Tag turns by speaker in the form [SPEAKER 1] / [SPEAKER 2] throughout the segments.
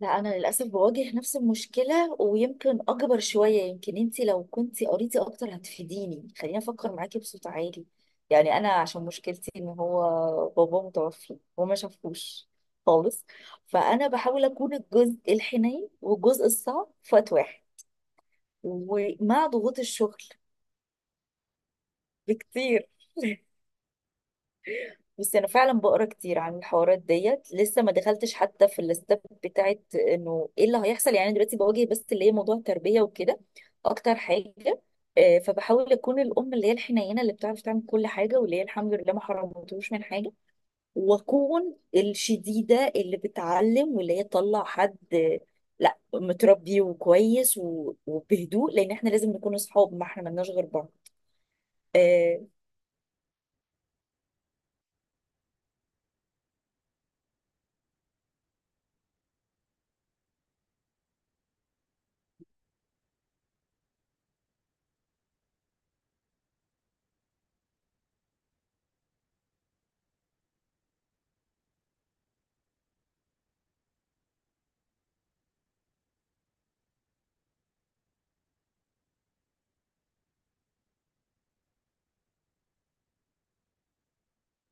[SPEAKER 1] لا، انا للاسف بواجه نفس المشكله، ويمكن اكبر شويه. يمكن انت لو كنت قريتي اكتر هتفيديني. خليني افكر معاكي بصوت عالي. يعني انا عشان مشكلتي ان هو بابا متوفي وما شافوش خالص. فانا بحاول اكون الجزء الحنين والجزء الصعب في وقت واحد. ومع ضغوط الشغل بكتير. بس انا فعلا بقرا كتير عن الحوارات ديت، لسه ما دخلتش حتى في الاستاب بتاعت انه ايه اللي هيحصل. أنا دلوقتي بواجه بس اللي هي موضوع التربيه وكده اكتر حاجه. فبحاول اكون الام اللي هي الحنينه، اللي بتعرف تعمل كل حاجه، واللي هي الحمد لله ما حرمتهوش من حاجه. واكون الشديده اللي بتعلم، واللي هي تطلع حد، لا، متربي وكويس وبهدوء. لان احنا لازم نكون اصحاب، ما احنا ملناش غير بعض. آه،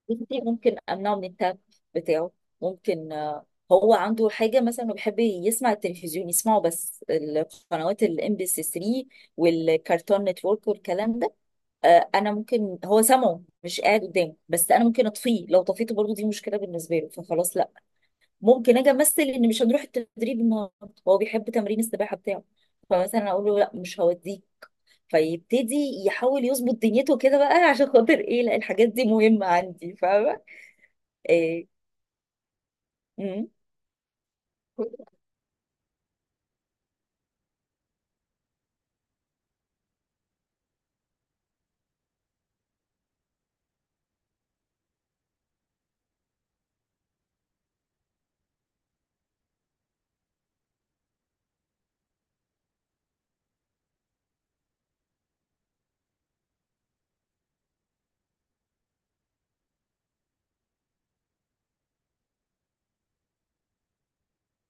[SPEAKER 1] بنتي ممكن امنعه من التاب بتاعه. ممكن هو عنده حاجه مثلا، إنه بيحب يسمع التلفزيون، يسمعه بس القنوات الام بي سي 3 والكارتون نتورك والكلام ده. انا ممكن هو سامعه مش قاعد قدامه، بس انا ممكن اطفيه. لو طفيته برضو دي مشكله بالنسبه له فخلاص لا. ممكن اجي امثل ان مش هنروح التدريب النهارده. هو بيحب تمرين السباحه بتاعه، فمثلا اقول له لا، مش هوديك. فيبتدي يحاول يظبط دنيته كده بقى. عشان خاطر ايه؟ لا، الحاجات دي مهمه عندي، فاهمه؟ آه. مم.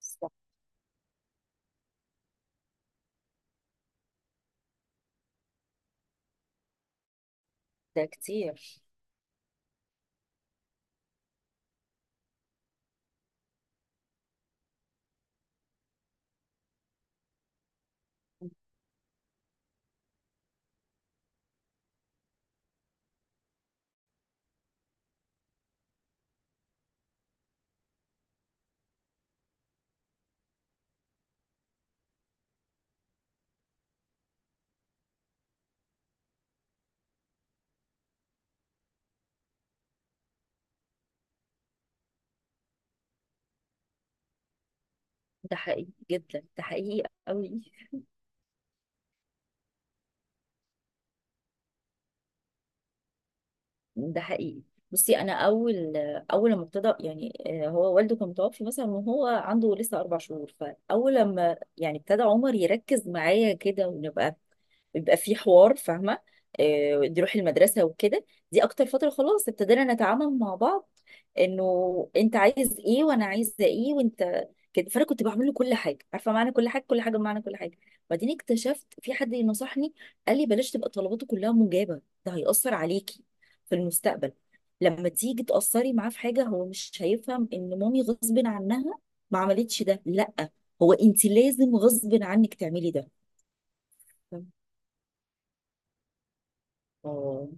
[SPEAKER 1] صح. ده كتير. ده حقيقي جدا، ده حقيقي. قوي. ده حقيقي. بصي، انا اول لما ابتدى، يعني هو والده كان متوفي مثلا، وهو عنده لسه 4 شهور. فاول لما يعني ابتدى عمر يركز معايا كده، ونبقى بيبقى في حوار، فاهمه؟ دي روح المدرسه وكده، دي اكتر فتره خلاص ابتدينا نتعامل مع بعض انه انت عايز ايه وانا عايزه ايه وانت كده. فانا كنت بعمل له كل حاجه. عارفه معنى كل حاجه؟ كل حاجه بمعنى كل حاجه. وبعدين اكتشفت، في حد نصحني، قال لي بلاش تبقى طلباته كلها مجابه، ده هيأثر عليكي في المستقبل. لما تيجي تأثري معاه في حاجه، هو مش هيفهم ان مامي غصب عنها ما عملتش ده، لا. هو انت لازم غصب عنك تعملي ده. اه.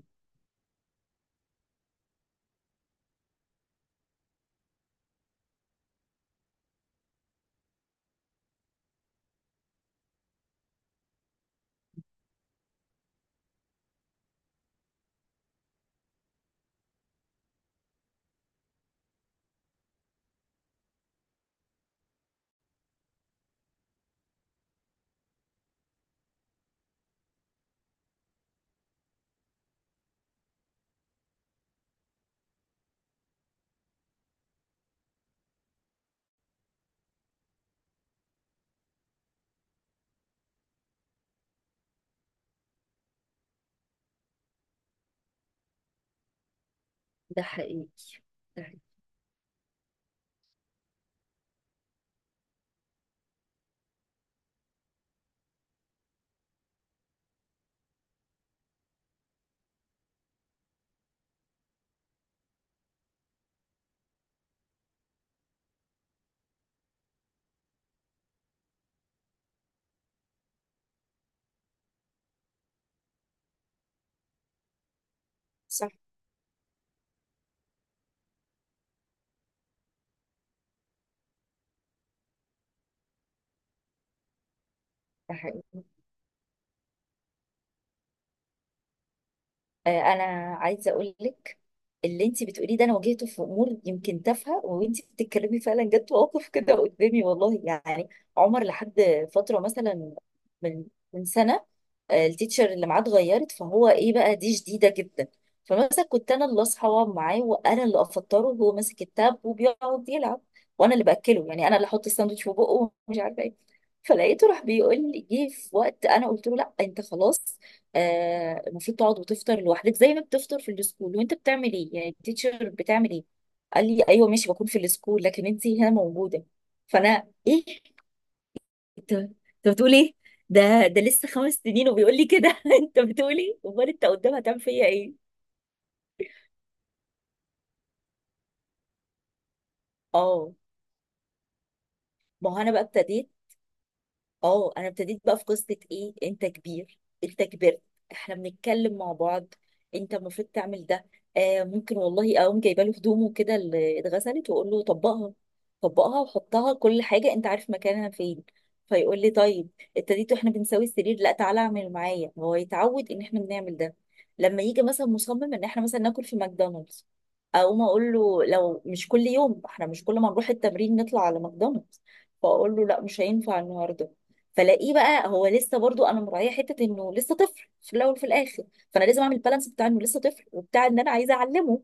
[SPEAKER 1] ده حقيقي. ده حقيقي. صح. ده حقيقي. انا عايزه اقول لك اللي انت بتقوليه ده، انا واجهته في امور يمكن تافهه. وانت بتتكلمي فعلا جت مواقف كده قدامي والله. يعني عمر لحد فتره مثلا، من سنه، التيتشر اللي معاه اتغيرت، فهو ايه بقى دي شديده جدا. فمثلا كنت انا اللي اصحى واقعد معاه، وانا اللي افطره، وهو ماسك التاب وبيقعد يلعب، وانا اللي باكله. يعني انا اللي احط الساندوتش في بقه ومش عارفه ايه. فلقيته راح بيقول لي، جه في وقت انا قلت له لا، انت خلاص المفروض تقعد وتفطر لوحدك زي ما بتفطر في السكول. وانت بتعمل ايه يعني، التيتشر بتعمل ايه؟ قال لي ايوه ماشي، بكون في السكول، لكن انت هنا موجوده. فانا ايه؟ انت بتقول ايه؟ ده لسه 5 سنين وبيقول لي كده! انت بتقول ايه؟ امال انت قدام هتعمل فيا ايه؟ اه، ما هو انا بقى ابتديت. اه، انا ابتديت بقى في قصه ايه، انت كبير، انت كبرت، احنا بنتكلم مع بعض، انت المفروض تعمل ده. آه، ممكن والله اقوم جايبه له هدومه كده اللي اتغسلت، واقول له طبقها. طبقها وحطها، كل حاجه انت عارف مكانها فين. فيقول لي طيب. ابتديت، واحنا بنساوي السرير، لا تعالى اعمل معايا، هو يتعود ان احنا بنعمل ده. لما يجي مثلا مصمم ان احنا مثلا ناكل في ماكدونالدز، اقوم اقول له لو مش كل يوم، احنا مش كل ما نروح التمرين نطلع على ماكدونالدز، فاقول له لا، مش هينفع النهارده. فلاقيه بقى، هو لسه، برضو انا مراعيه حته انه لسه طفل في الاول وفي الاخر. فانا لازم اعمل بالانس بتاع انه لسه طفل وبتاع ان انا عايزه اعلمه.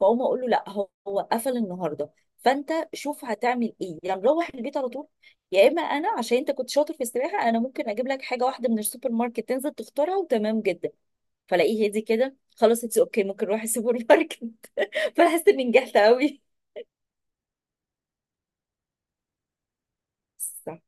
[SPEAKER 1] فاقوم اقول له لا، هو قفل النهارده، فانت شوف هتعمل ايه، يا يعني نروح البيت على طول، يا اما انا عشان انت كنت شاطر في السباحه، انا ممكن اجيب لك حاجه واحده من السوبر ماركت، تنزل تختارها، وتمام جدا. فلاقيه هادي كده، خلاص اتس اوكي، ممكن نروح السوبر ماركت. فاحس اني نجحت قوي. صح.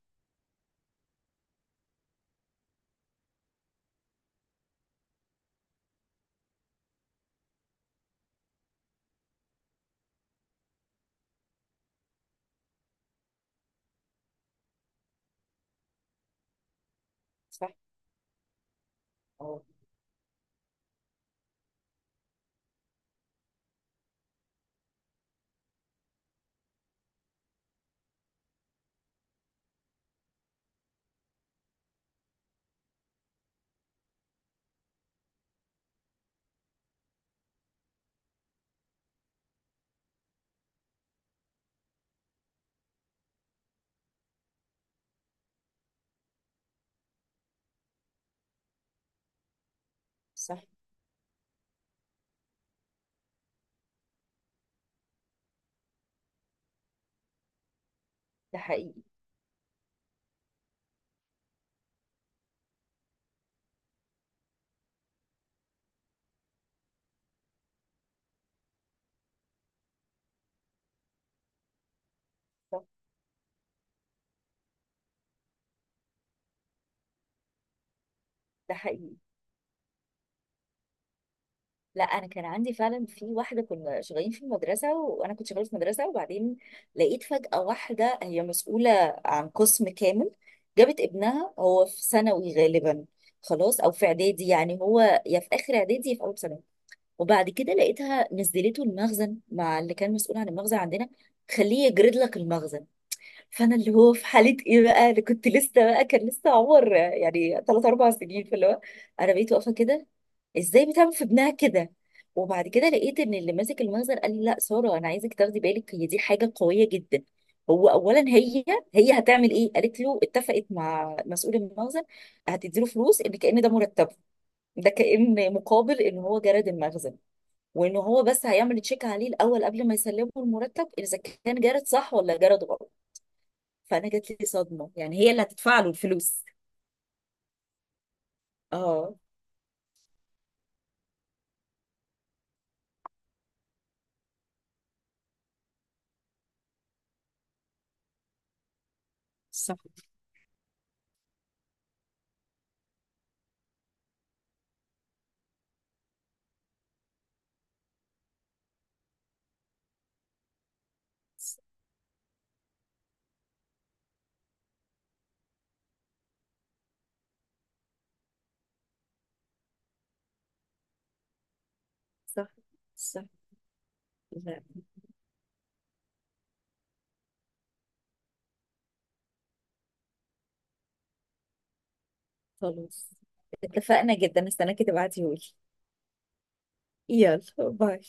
[SPEAKER 1] صح. اه. صح. ده حقيقي. صح. ده حقيقي. لا، انا كان عندي فعلا، في واحده كنا شغالين في المدرسه، وانا كنت شغاله في مدرسه، وبعدين لقيت فجاه واحده هي مسؤوله عن قسم كامل، جابت ابنها، هو في ثانوي غالبا. خلاص، او في اعدادي، يعني هو يا في اخر اعدادي يا في اول ثانوي. وبعد كده لقيتها نزلته المخزن مع اللي كان مسؤول عن المخزن عندنا، خليه يجرد لك المخزن. فانا اللي هو في حاله ايه بقى، انا كنت لسه بقى، كان لسه عمر يعني 3 4 سنين، فاللي هو انا بقيت واقفه كده، ازاي بتعمل في ابنها كده؟ وبعد كده لقيت ان اللي ماسك المخزن قال لي، لا ساره، انا عايزك تاخدي بالك، هي دي حاجه قويه جدا. هو اولا هي هتعمل ايه؟ قالت له اتفقت مع مسؤول المخزن هتديله فلوس ان كأن ده مرتبه، ده كأن مقابل ان هو جرد المخزن، وان هو بس هيعمل تشيك عليه الاول قبل ما يسلمه المرتب اذا كان جرد صح ولا جرد غلط. فانا جات لي صدمه، يعني هي اللي هتدفع له الفلوس؟ اه. صح. صح. صح. لا، خلاص، اتفقنا جدا، استناكي تبعتيهولي. يلا باي.